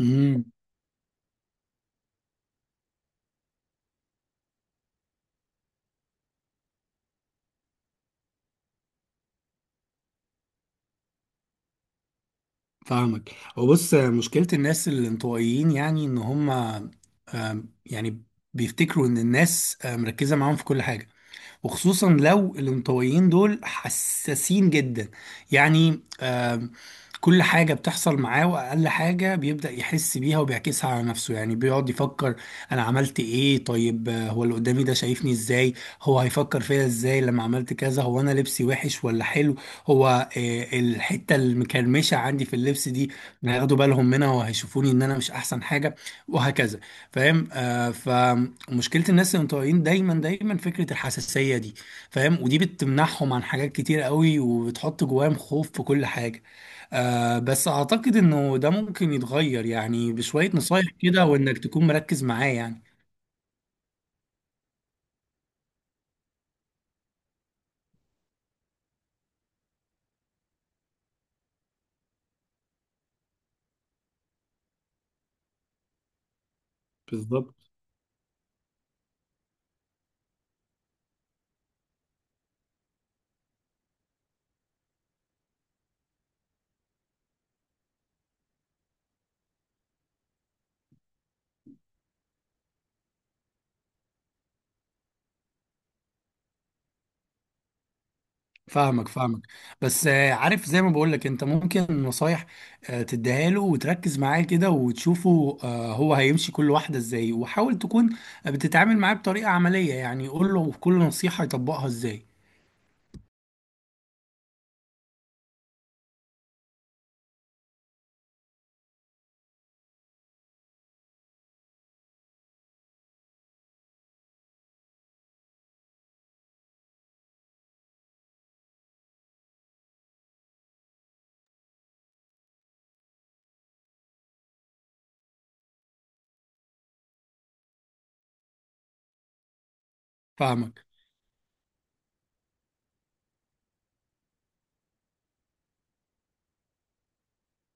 امم فاهمك. وبص، مشكلة الناس الانطوائيين يعني ان هم يعني بيفتكروا ان الناس مركزة معاهم في كل حاجة. وخصوصا لو الانطوائيين دول حساسين جدا يعني كل حاجة بتحصل معاه وأقل حاجة بيبدأ يحس بيها وبيعكسها على نفسه. يعني بيقعد يفكر، أنا عملت إيه؟ طيب هو اللي قدامي ده شايفني إزاي؟ هو هيفكر فيا إزاي لما عملت كذا؟ هو أنا لبسي وحش ولا حلو؟ هو الحتة المكرمشة عندي في اللبس دي هياخدوا بالهم منها وهيشوفوني إن أنا مش أحسن حاجة. وهكذا. فاهم. فمشكلة الناس المتطوعين دايما دايما فكرة الحساسية دي. فاهم؟ ودي بتمنعهم عن حاجات كتير قوي، وبتحط جواهم خوف في كل حاجة. بس أعتقد إنه ده ممكن يتغير، يعني بشوية نصايح كده وإنك تكون مركز معاه يعني. بالظبط. فاهمك فاهمك. بس عارف، زي ما بقولك انت ممكن نصايح تديها له وتركز معاه كده، وتشوفه هو هيمشي كل واحدة ازاي. وحاول تكون بتتعامل معاه بطريقة عملية، يعني قول له كل نصيحة يطبقها ازاي. فاهمك.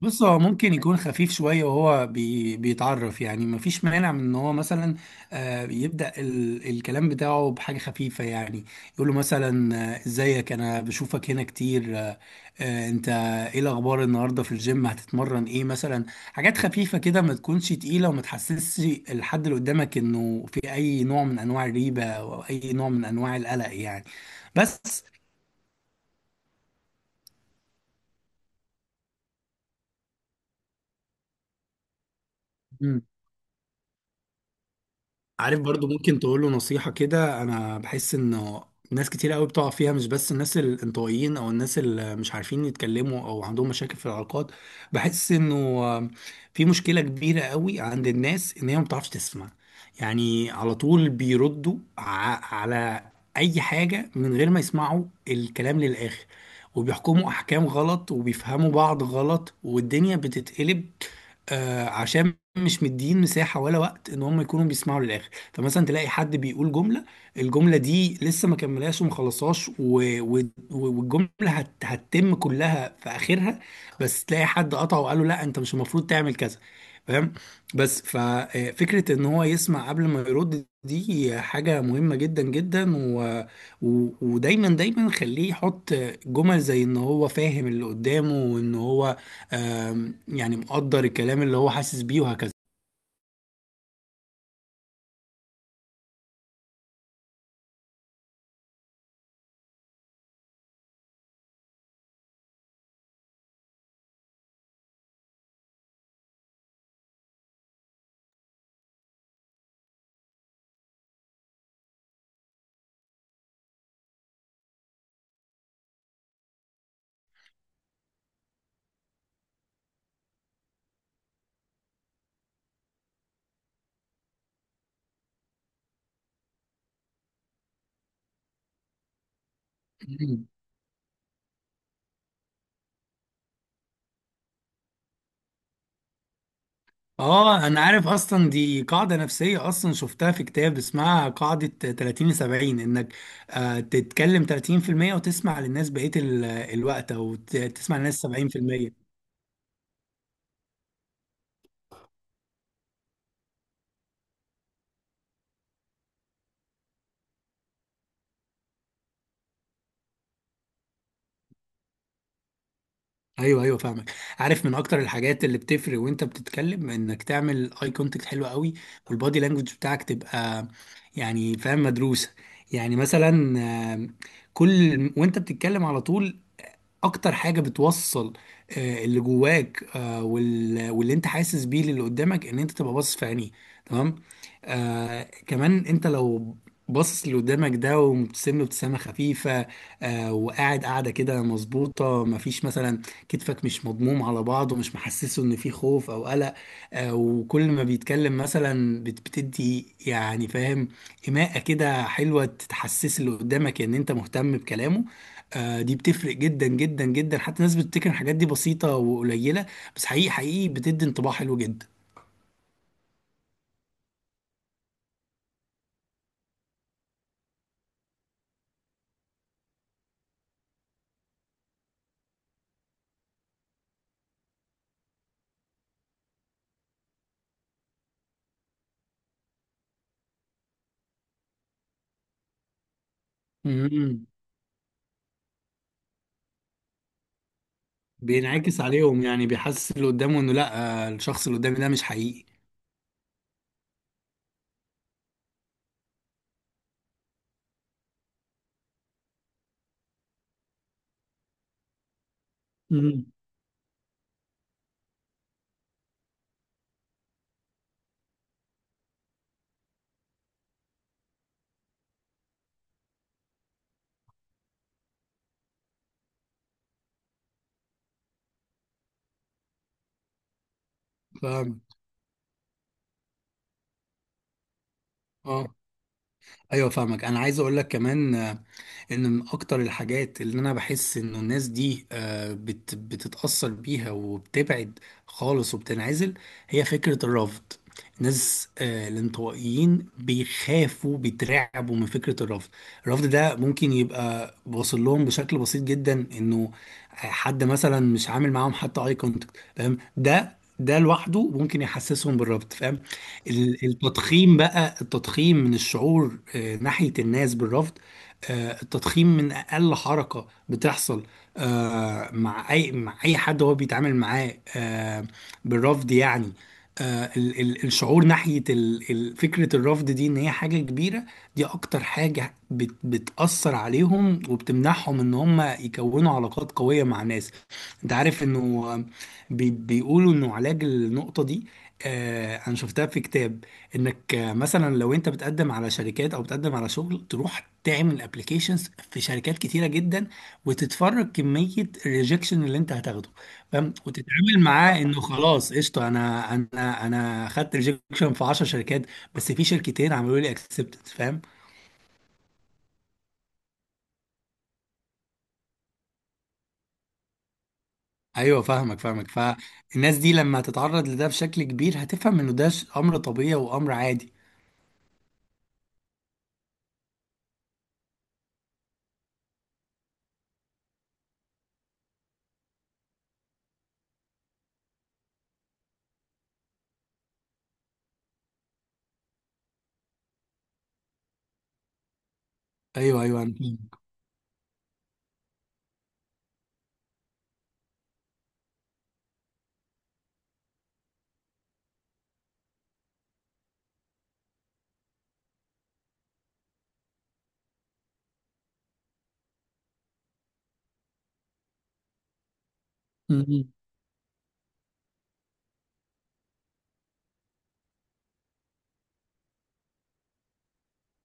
بص، هو ممكن يكون خفيف شوية وهو بيتعرف. يعني مفيش مانع من ان هو مثلا يبدأ الكلام بتاعه بحاجة خفيفة. يعني يقول له مثلا ازيك، انا بشوفك هنا كتير. انت، ايه الاخبار النهاردة في الجيم؟ هتتمرن ايه مثلا؟ حاجات خفيفة كده، ما تكونش تقيلة وما تحسسش الحد اللي قدامك انه في اي نوع من انواع الريبة او اي نوع من انواع القلق يعني. بس عارف برضو، ممكن تقول له نصيحة كده. أنا بحس إنه ناس كتير قوي بتقع فيها، مش بس الناس الانطوائيين أو الناس اللي مش عارفين يتكلموا أو عندهم مشاكل في العلاقات. بحس إنه في مشكلة كبيرة قوي عند الناس، إن هي ما بتعرفش تسمع. يعني على طول بيردوا على أي حاجة من غير ما يسمعوا الكلام للآخر، وبيحكموا أحكام غلط وبيفهموا بعض غلط والدنيا بتتقلب. عشان مش مدين مساحة ولا وقت ان هم يكونوا بيسمعوا للاخر. فمثلا تلاقي حد بيقول جملة، الجملة دي لسه ما كملهاش وما خلصهاش و... والجملة هتتم كلها في آخرها. بس تلاقي حد قطعه وقال له لا، أنت مش المفروض تعمل كذا. فاهم. بس ففكرة إن هو يسمع قبل ما يرد دي حاجة مهمة جدا جدا. ودايما دايما خليه يحط جمل زي إن هو فاهم اللي قدامه، وإن هو يعني مقدر الكلام اللي هو حاسس بيه وهكذا. اه، انا عارف. اصلا دي قاعده نفسيه، اصلا شفتها في كتاب اسمها قاعده 30 70. انك تتكلم 30% وتسمع للناس بقيه الوقت، او تسمع للناس 70%. ايوه ايوه، فاهمك. عارف من اكتر الحاجات اللي بتفرق وانت بتتكلم، انك تعمل اي كونتاكت حلو قوي والبادي لانجوج بتاعك تبقى يعني فاهم مدروسه. يعني مثلا آه، كل وانت بتتكلم على طول، اكتر حاجة بتوصل اللي جواك، واللي انت حاسس بيه للي قدامك، ان انت تبقى باصص في عينيه. تمام. كمان، انت لو باصص اللي قدامك ده ومبتسم له ابتسامة خفيفة، وقاعد قاعدة كده مظبوطة، مفيش مثلا كتفك مش مضموم على بعض ومش محسسه ان في خوف او قلق. وكل ما بيتكلم مثلا بتدي يعني فاهم إيماءة كده حلوة، تحسس اللي قدامك ان انت مهتم بكلامه. دي بتفرق جدا جدا جدا. حتى الناس بتفتكر إن الحاجات دي بسيطة وقليلة، بس حقيقي حقيقي بتدي انطباع حلو جدا. امم بينعكس عليهم، يعني بيحسس اللي قدامه انه لا، الشخص اللي قدامي ده مش حقيقي. امم، فاهم، اه، ايوه، فاهمك. انا عايز اقول لك كمان ان من اكتر الحاجات اللي انا بحس انه الناس دي بتتأثر بيها، وبتبعد خالص وبتنعزل، هي فكرة الرفض. الناس الانطوائيين بيخافوا، بيترعبوا من فكرة الرفض. الرفض ده ممكن يبقى واصل لهم بشكل بسيط جدا، انه حد مثلا مش عامل معاهم حتى اي كونتاكت. فاهم، ده لوحده ممكن يحسسهم بالرفض. فاهم. التضخيم بقى، التضخيم من الشعور ناحية الناس بالرفض. التضخيم من اقل حركه بتحصل مع اي حد هو بيتعامل معاه بالرفض يعني. الشعور ناحيه فكره الرفض دي ان هي حاجه كبيره. دي اكتر حاجه بتاثر عليهم، وبتمنعهم ان هم يكونوا علاقات قويه مع ناس. انت عارف انه آه، بيقولوا انه علاج النقطه دي. انا شفتها في كتاب. انك مثلا لو انت بتقدم على شركات او بتقدم على شغل، تروح تعمل ابلكيشنز في شركات كتيره جدا، وتتفرج كميه الريجكشن اللي انت هتاخده. فاهم؟ وتتعامل معاه انه خلاص، قشطه، انا خدت ريجكشن في 10 شركات، بس في شركتين عملوا لي اكسبتد. فاهم. ايوه فاهمك فاهمك. فالناس دي لما تتعرض لده بشكل كبير هتفهم انه ده امر طبيعي وامر عادي. ايوه ايوه،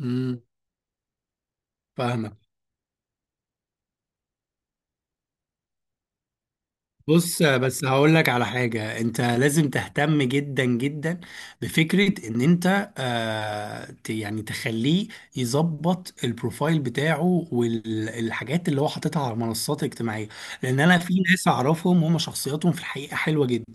انا فاهمك. بص، بس هقول لك على حاجة انت لازم تهتم جدا جدا بفكرة ان انت يعني تخليه يظبط البروفايل بتاعه والحاجات اللي هو حاططها على المنصات الاجتماعية. لان انا في ناس اعرفهم هم شخصياتهم في الحقيقة حلوة جدا،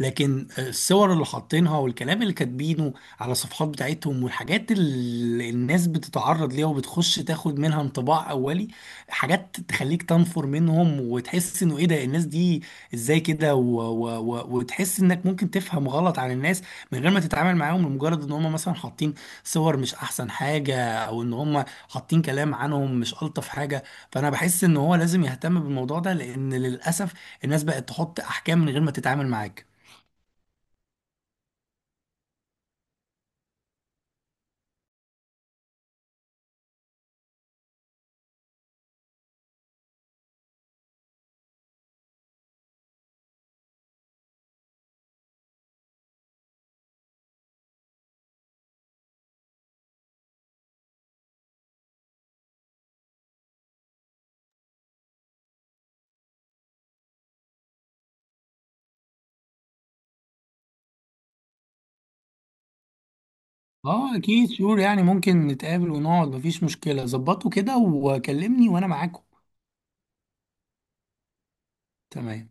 لكن الصور اللي حاطينها والكلام اللي كاتبينه على الصفحات بتاعتهم والحاجات اللي الناس بتتعرض ليها وبتخش تاخد منها انطباع اولي، حاجات تخليك تنفر منهم وتحس انه ايه ده الناس دي، ازاي كده؟ وتحس انك ممكن تفهم غلط عن الناس من غير ما تتعامل معاهم، لمجرد ان هم مثلا حاطين صور مش احسن حاجة او ان هم حاطين كلام عنهم مش الطف حاجة. فانا بحس ان هو لازم يهتم بالموضوع ده، لان للاسف الناس بقت تحط احكام من غير ما تتعامل معاك. اه، اكيد شور يعني، ممكن نتقابل ونقعد، مفيش مشكلة. ظبطوا كده وكلمني وانا معاكم. تمام.